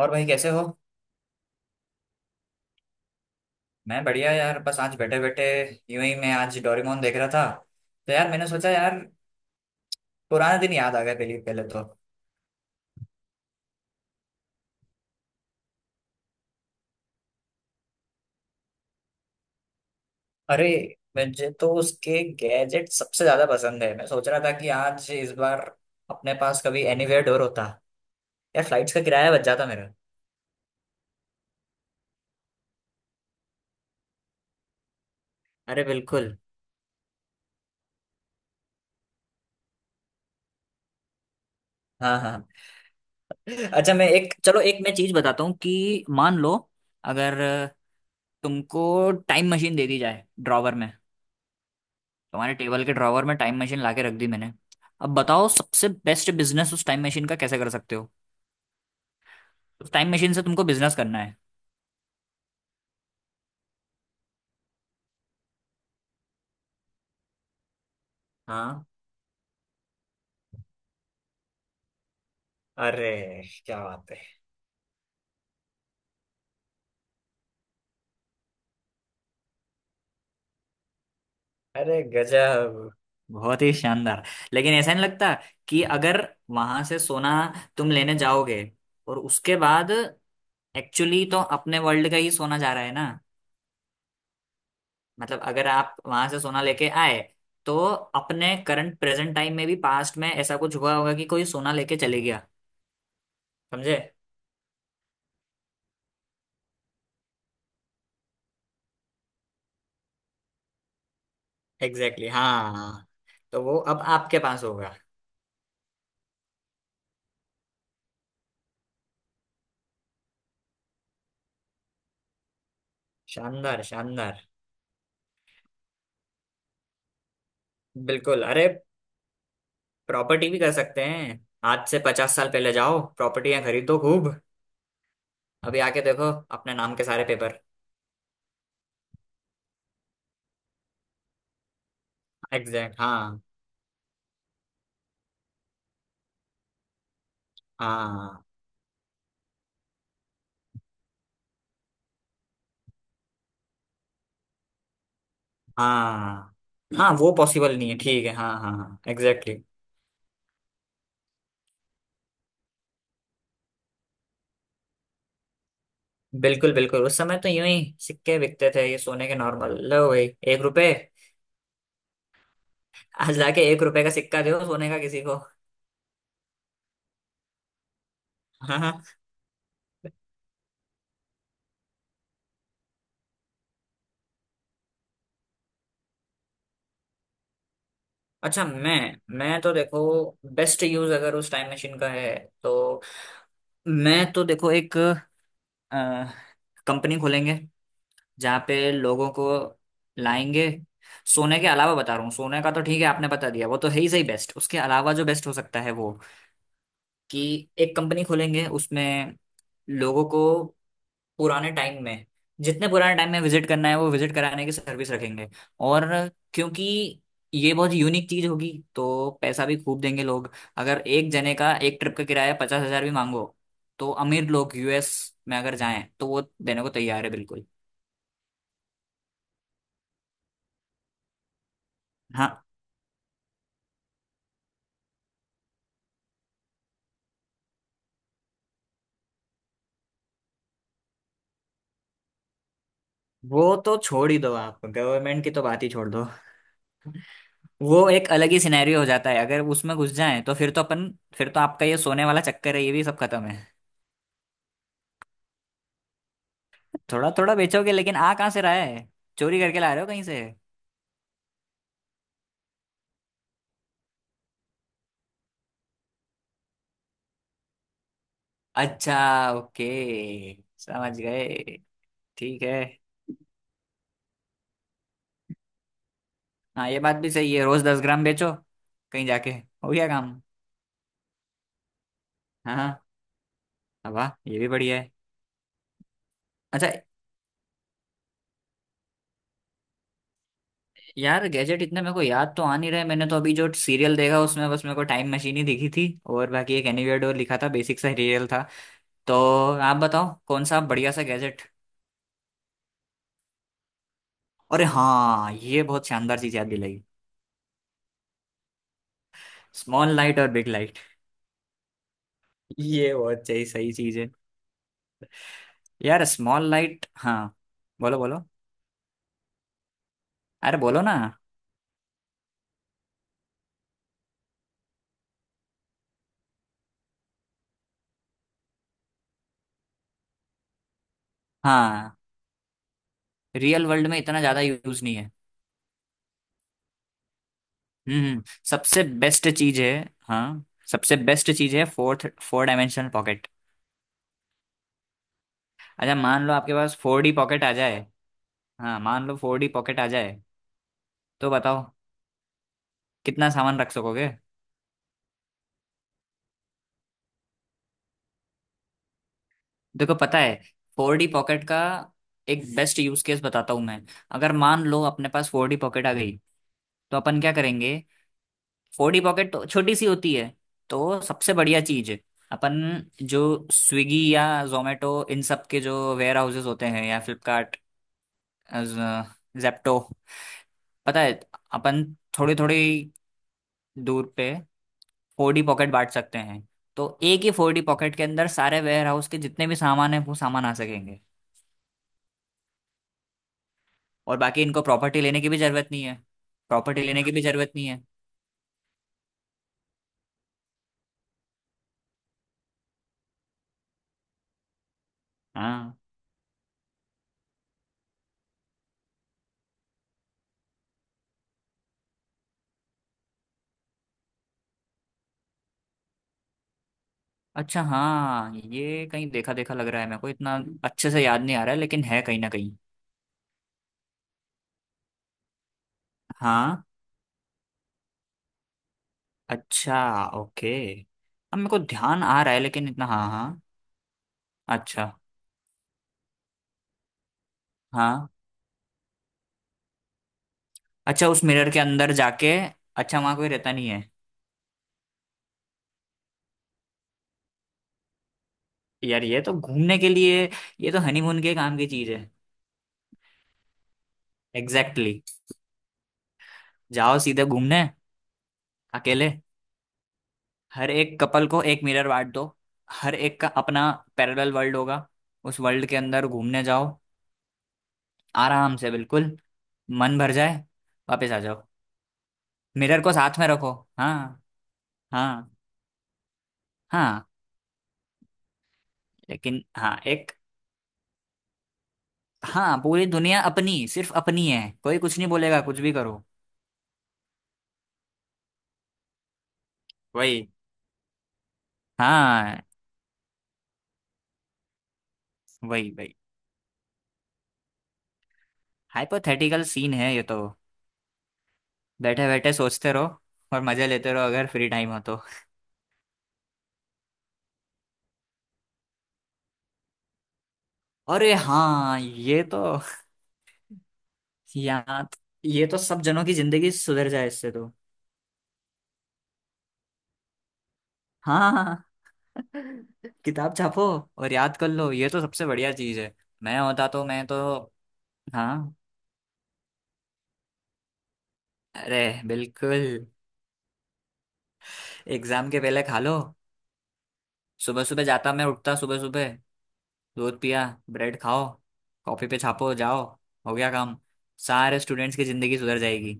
और भाई, कैसे हो? मैं बढ़िया यार, बस आज बैठे बैठे यूं ही मैं आज डोरेमोन देख रहा था। तो यार मैंने सोचा, यार पुराने दिन याद आ गए, पहले पहले तो अरे, मुझे तो उसके गैजेट सबसे ज्यादा पसंद है। मैं सोच रहा था कि आज इस बार अपने पास कभी एनीवेयर डोर होता, यार फ्लाइट्स का किराया बच जाता मेरा। अरे बिल्कुल। हाँ हाँ, अच्छा मैं एक चलो, एक मैं चीज बताता हूँ कि मान लो, अगर तुमको टाइम मशीन दे दी जाए ड्रॉवर में, तुम्हारे टेबल के ड्रॉवर में टाइम मशीन लाके रख दी मैंने। अब बताओ, सबसे बेस्ट बिजनेस उस टाइम मशीन का कैसे कर सकते हो? उस टाइम मशीन से तुमको बिजनेस करना है। हाँ, अरे क्या बात है! अरे गजब, बहुत ही शानदार। लेकिन ऐसा नहीं लगता कि अगर वहां से सोना तुम लेने जाओगे, और उसके बाद एक्चुअली तो अपने वर्ल्ड का ही सोना जा रहा है ना? मतलब अगर आप वहां से सोना लेके आए, तो अपने करंट प्रेजेंट टाइम में भी पास्ट में ऐसा कुछ हुआ होगा कि कोई सोना लेके चले गया। समझे? एग्जैक्टली exactly, हाँ। तो वो अब आपके पास होगा। शानदार शानदार। बिल्कुल अरे, प्रॉपर्टी भी कर सकते हैं। आज से 50 साल पहले जाओ, प्रॉपर्टियां खरीदो खूब। अभी आके देखो अपने नाम के सारे पेपर। एग्जैक्ट हाँ, हाँ। हाँ हाँ, वो पॉसिबल नहीं है, ठीक है। हाँ हाँ हाँ एग्जैक्टली। बिल्कुल बिल्कुल, उस समय तो यूं ही सिक्के बिकते थे ये सोने के, नॉर्मल लो भाई। 1 रुपए, आज लाके 1 रुपए का सिक्का दो सोने का किसी को। अच्छा मैं तो देखो बेस्ट यूज अगर उस टाइम मशीन का है तो, मैं तो देखो एक कंपनी खोलेंगे जहाँ पे लोगों को लाएंगे। सोने के अलावा बता रहा हूँ, सोने का तो ठीक है आपने बता दिया, वो तो है ही सही बेस्ट। उसके अलावा जो बेस्ट हो सकता है वो, कि एक कंपनी खोलेंगे, उसमें लोगों को पुराने टाइम में, जितने पुराने टाइम में विजिट करना है वो विजिट कराने की सर्विस रखेंगे। और क्योंकि ये बहुत यूनिक चीज होगी, तो पैसा भी खूब देंगे लोग। अगर एक जने का एक ट्रिप का किराया 50,000 भी मांगो, तो अमीर लोग यूएस में अगर जाएं तो वो देने को तैयार है बिल्कुल। हाँ, वो तो छोड़ ही दो, आप गवर्नमेंट की तो बात ही छोड़ दो। वो एक अलग ही सिनेरियो हो जाता है, अगर उसमें घुस जाए तो फिर तो अपन, फिर तो आपका ये सोने वाला चक्कर है ये भी सब खत्म है। थोड़ा थोड़ा बेचोगे, लेकिन आ कहाँ से रहा है? चोरी करके ला रहे हो कहीं से? अच्छा ओके, समझ गए। ठीक है, हाँ ये बात भी सही है, रोज 10 ग्राम बेचो, कहीं जाके हो गया काम। हाँ हाँ, वाह ये भी बढ़िया है। अच्छा यार, गैजेट इतने मेरे को याद तो आ नहीं रहे। मैंने तो अभी जो सीरियल देखा उसमें बस मेरे को टाइम मशीन ही दिखी थी, और बाकी एक एनीवेयर डोर लिखा था, बेसिक सा सीरियल था। तो आप बताओ, कौन सा बढ़िया सा गैजेट? अरे हाँ, ये बहुत शानदार चीज याद दिलाई। स्मॉल लाइट और बिग लाइट, ये बहुत सही सही चीज है। यार स्मॉल लाइट, हाँ, बोलो बोलो, अरे बोलो ना। हाँ, रियल वर्ल्ड में इतना ज्यादा यूज नहीं है। हम्म हम्म। सबसे बेस्ट चीज है। हाँ, सबसे बेस्ट चीज है फोर डायमेंशनल पॉकेट। अच्छा मान लो आपके पास फोर डी पॉकेट आ जाए, हाँ मान लो फोर डी पॉकेट आ जाए, तो बताओ कितना सामान रख सकोगे? देखो पता है, फोर डी पॉकेट का एक बेस्ट यूज केस बताता हूँ मैं। अगर मान लो अपने पास फोर डी पॉकेट आ गई, तो अपन क्या करेंगे? फोडी पॉकेट तो छोटी सी होती है, तो सबसे बढ़िया चीज है, अपन जो स्विगी या जोमेटो इन सब के जो वेयर हाउसेज होते हैं, या फ्लिपकार्ट, जेप्टो, पता है अपन थोड़ी थोड़ी दूर पे फोडी पॉकेट बांट सकते हैं। तो एक ही फोडी पॉकेट के अंदर सारे वेयर हाउस के जितने भी सामान है वो सामान आ सकेंगे। और बाकी इनको प्रॉपर्टी लेने की भी जरूरत नहीं है, प्रॉपर्टी लेने की भी जरूरत नहीं है। हाँ अच्छा, हाँ ये कहीं देखा देखा लग रहा है मेरे को। इतना अच्छे से याद नहीं आ रहा है, लेकिन है कहीं ना कहीं। हाँ अच्छा ओके, अब मेरे को ध्यान आ रहा है लेकिन, इतना हाँ हाँ। अच्छा हाँ, अच्छा उस मिरर के अंदर जाके अच्छा, वहां कोई रहता नहीं है? यार ये तो घूमने के लिए, ये तो हनीमून के काम की चीज है। Exactly exactly. जाओ सीधे घूमने, अकेले, हर एक कपल को एक मिरर बांट दो, हर एक का अपना पैरेलल वर्ल्ड होगा, उस वर्ल्ड के अंदर घूमने जाओ आराम से, बिल्कुल, मन भर जाए वापस आ जाओ, मिरर को साथ में रखो। हाँ, हाँ, हाँ लेकिन, हाँ एक, हाँ पूरी दुनिया अपनी, सिर्फ अपनी है, कोई कुछ नहीं बोलेगा, कुछ भी करो। वही, हाँ वही वही, हाइपोथेटिकल सीन है ये तो, बैठे बैठे सोचते रहो और मजे लेते रहो अगर फ्री टाइम हो तो। अरे हाँ, ये तो याद, ये तो सब जनों की जिंदगी सुधर जाए इससे तो। हाँ हाँ, हाँ। किताब छापो और याद कर लो, ये तो सबसे बढ़िया चीज है। मैं होता तो मैं तो, हाँ, अरे बिल्कुल। एग्जाम के पहले खा लो। सुबह सुबह जाता, मैं उठता सुबह सुबह, दूध पिया, ब्रेड खाओ, कॉपी पे छापो, जाओ हो गया काम, सारे स्टूडेंट्स की जिंदगी सुधर जाएगी।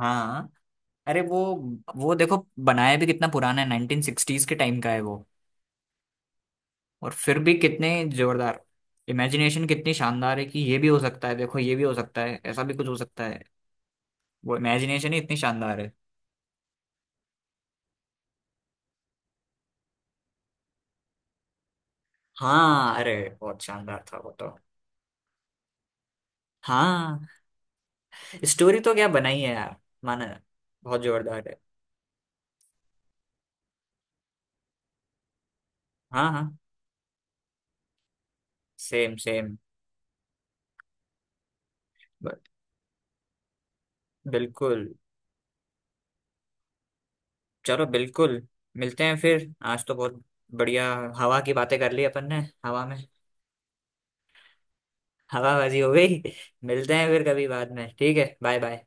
हाँ, अरे वो देखो बनाया भी कितना पुराना है, 1960s के टाइम का है वो। और फिर भी कितने जोरदार इमेजिनेशन, कितनी शानदार है कि ये भी हो सकता है, देखो ये भी हो सकता है, ऐसा भी कुछ हो सकता है। वो इमेजिनेशन ही इतनी शानदार है। हाँ, अरे बहुत शानदार था वो तो। हाँ स्टोरी तो क्या बनाई है यार, माना बहुत जोरदार है। हाँ हाँ, सेम सेम, बिल्कुल। चलो बिल्कुल, मिलते हैं फिर, आज तो बहुत बढ़िया हवा की बातें कर ली अपन ने, हवा में। हवाबाजी हो गई। मिलते हैं फिर कभी बाद में, ठीक है, बाय बाय।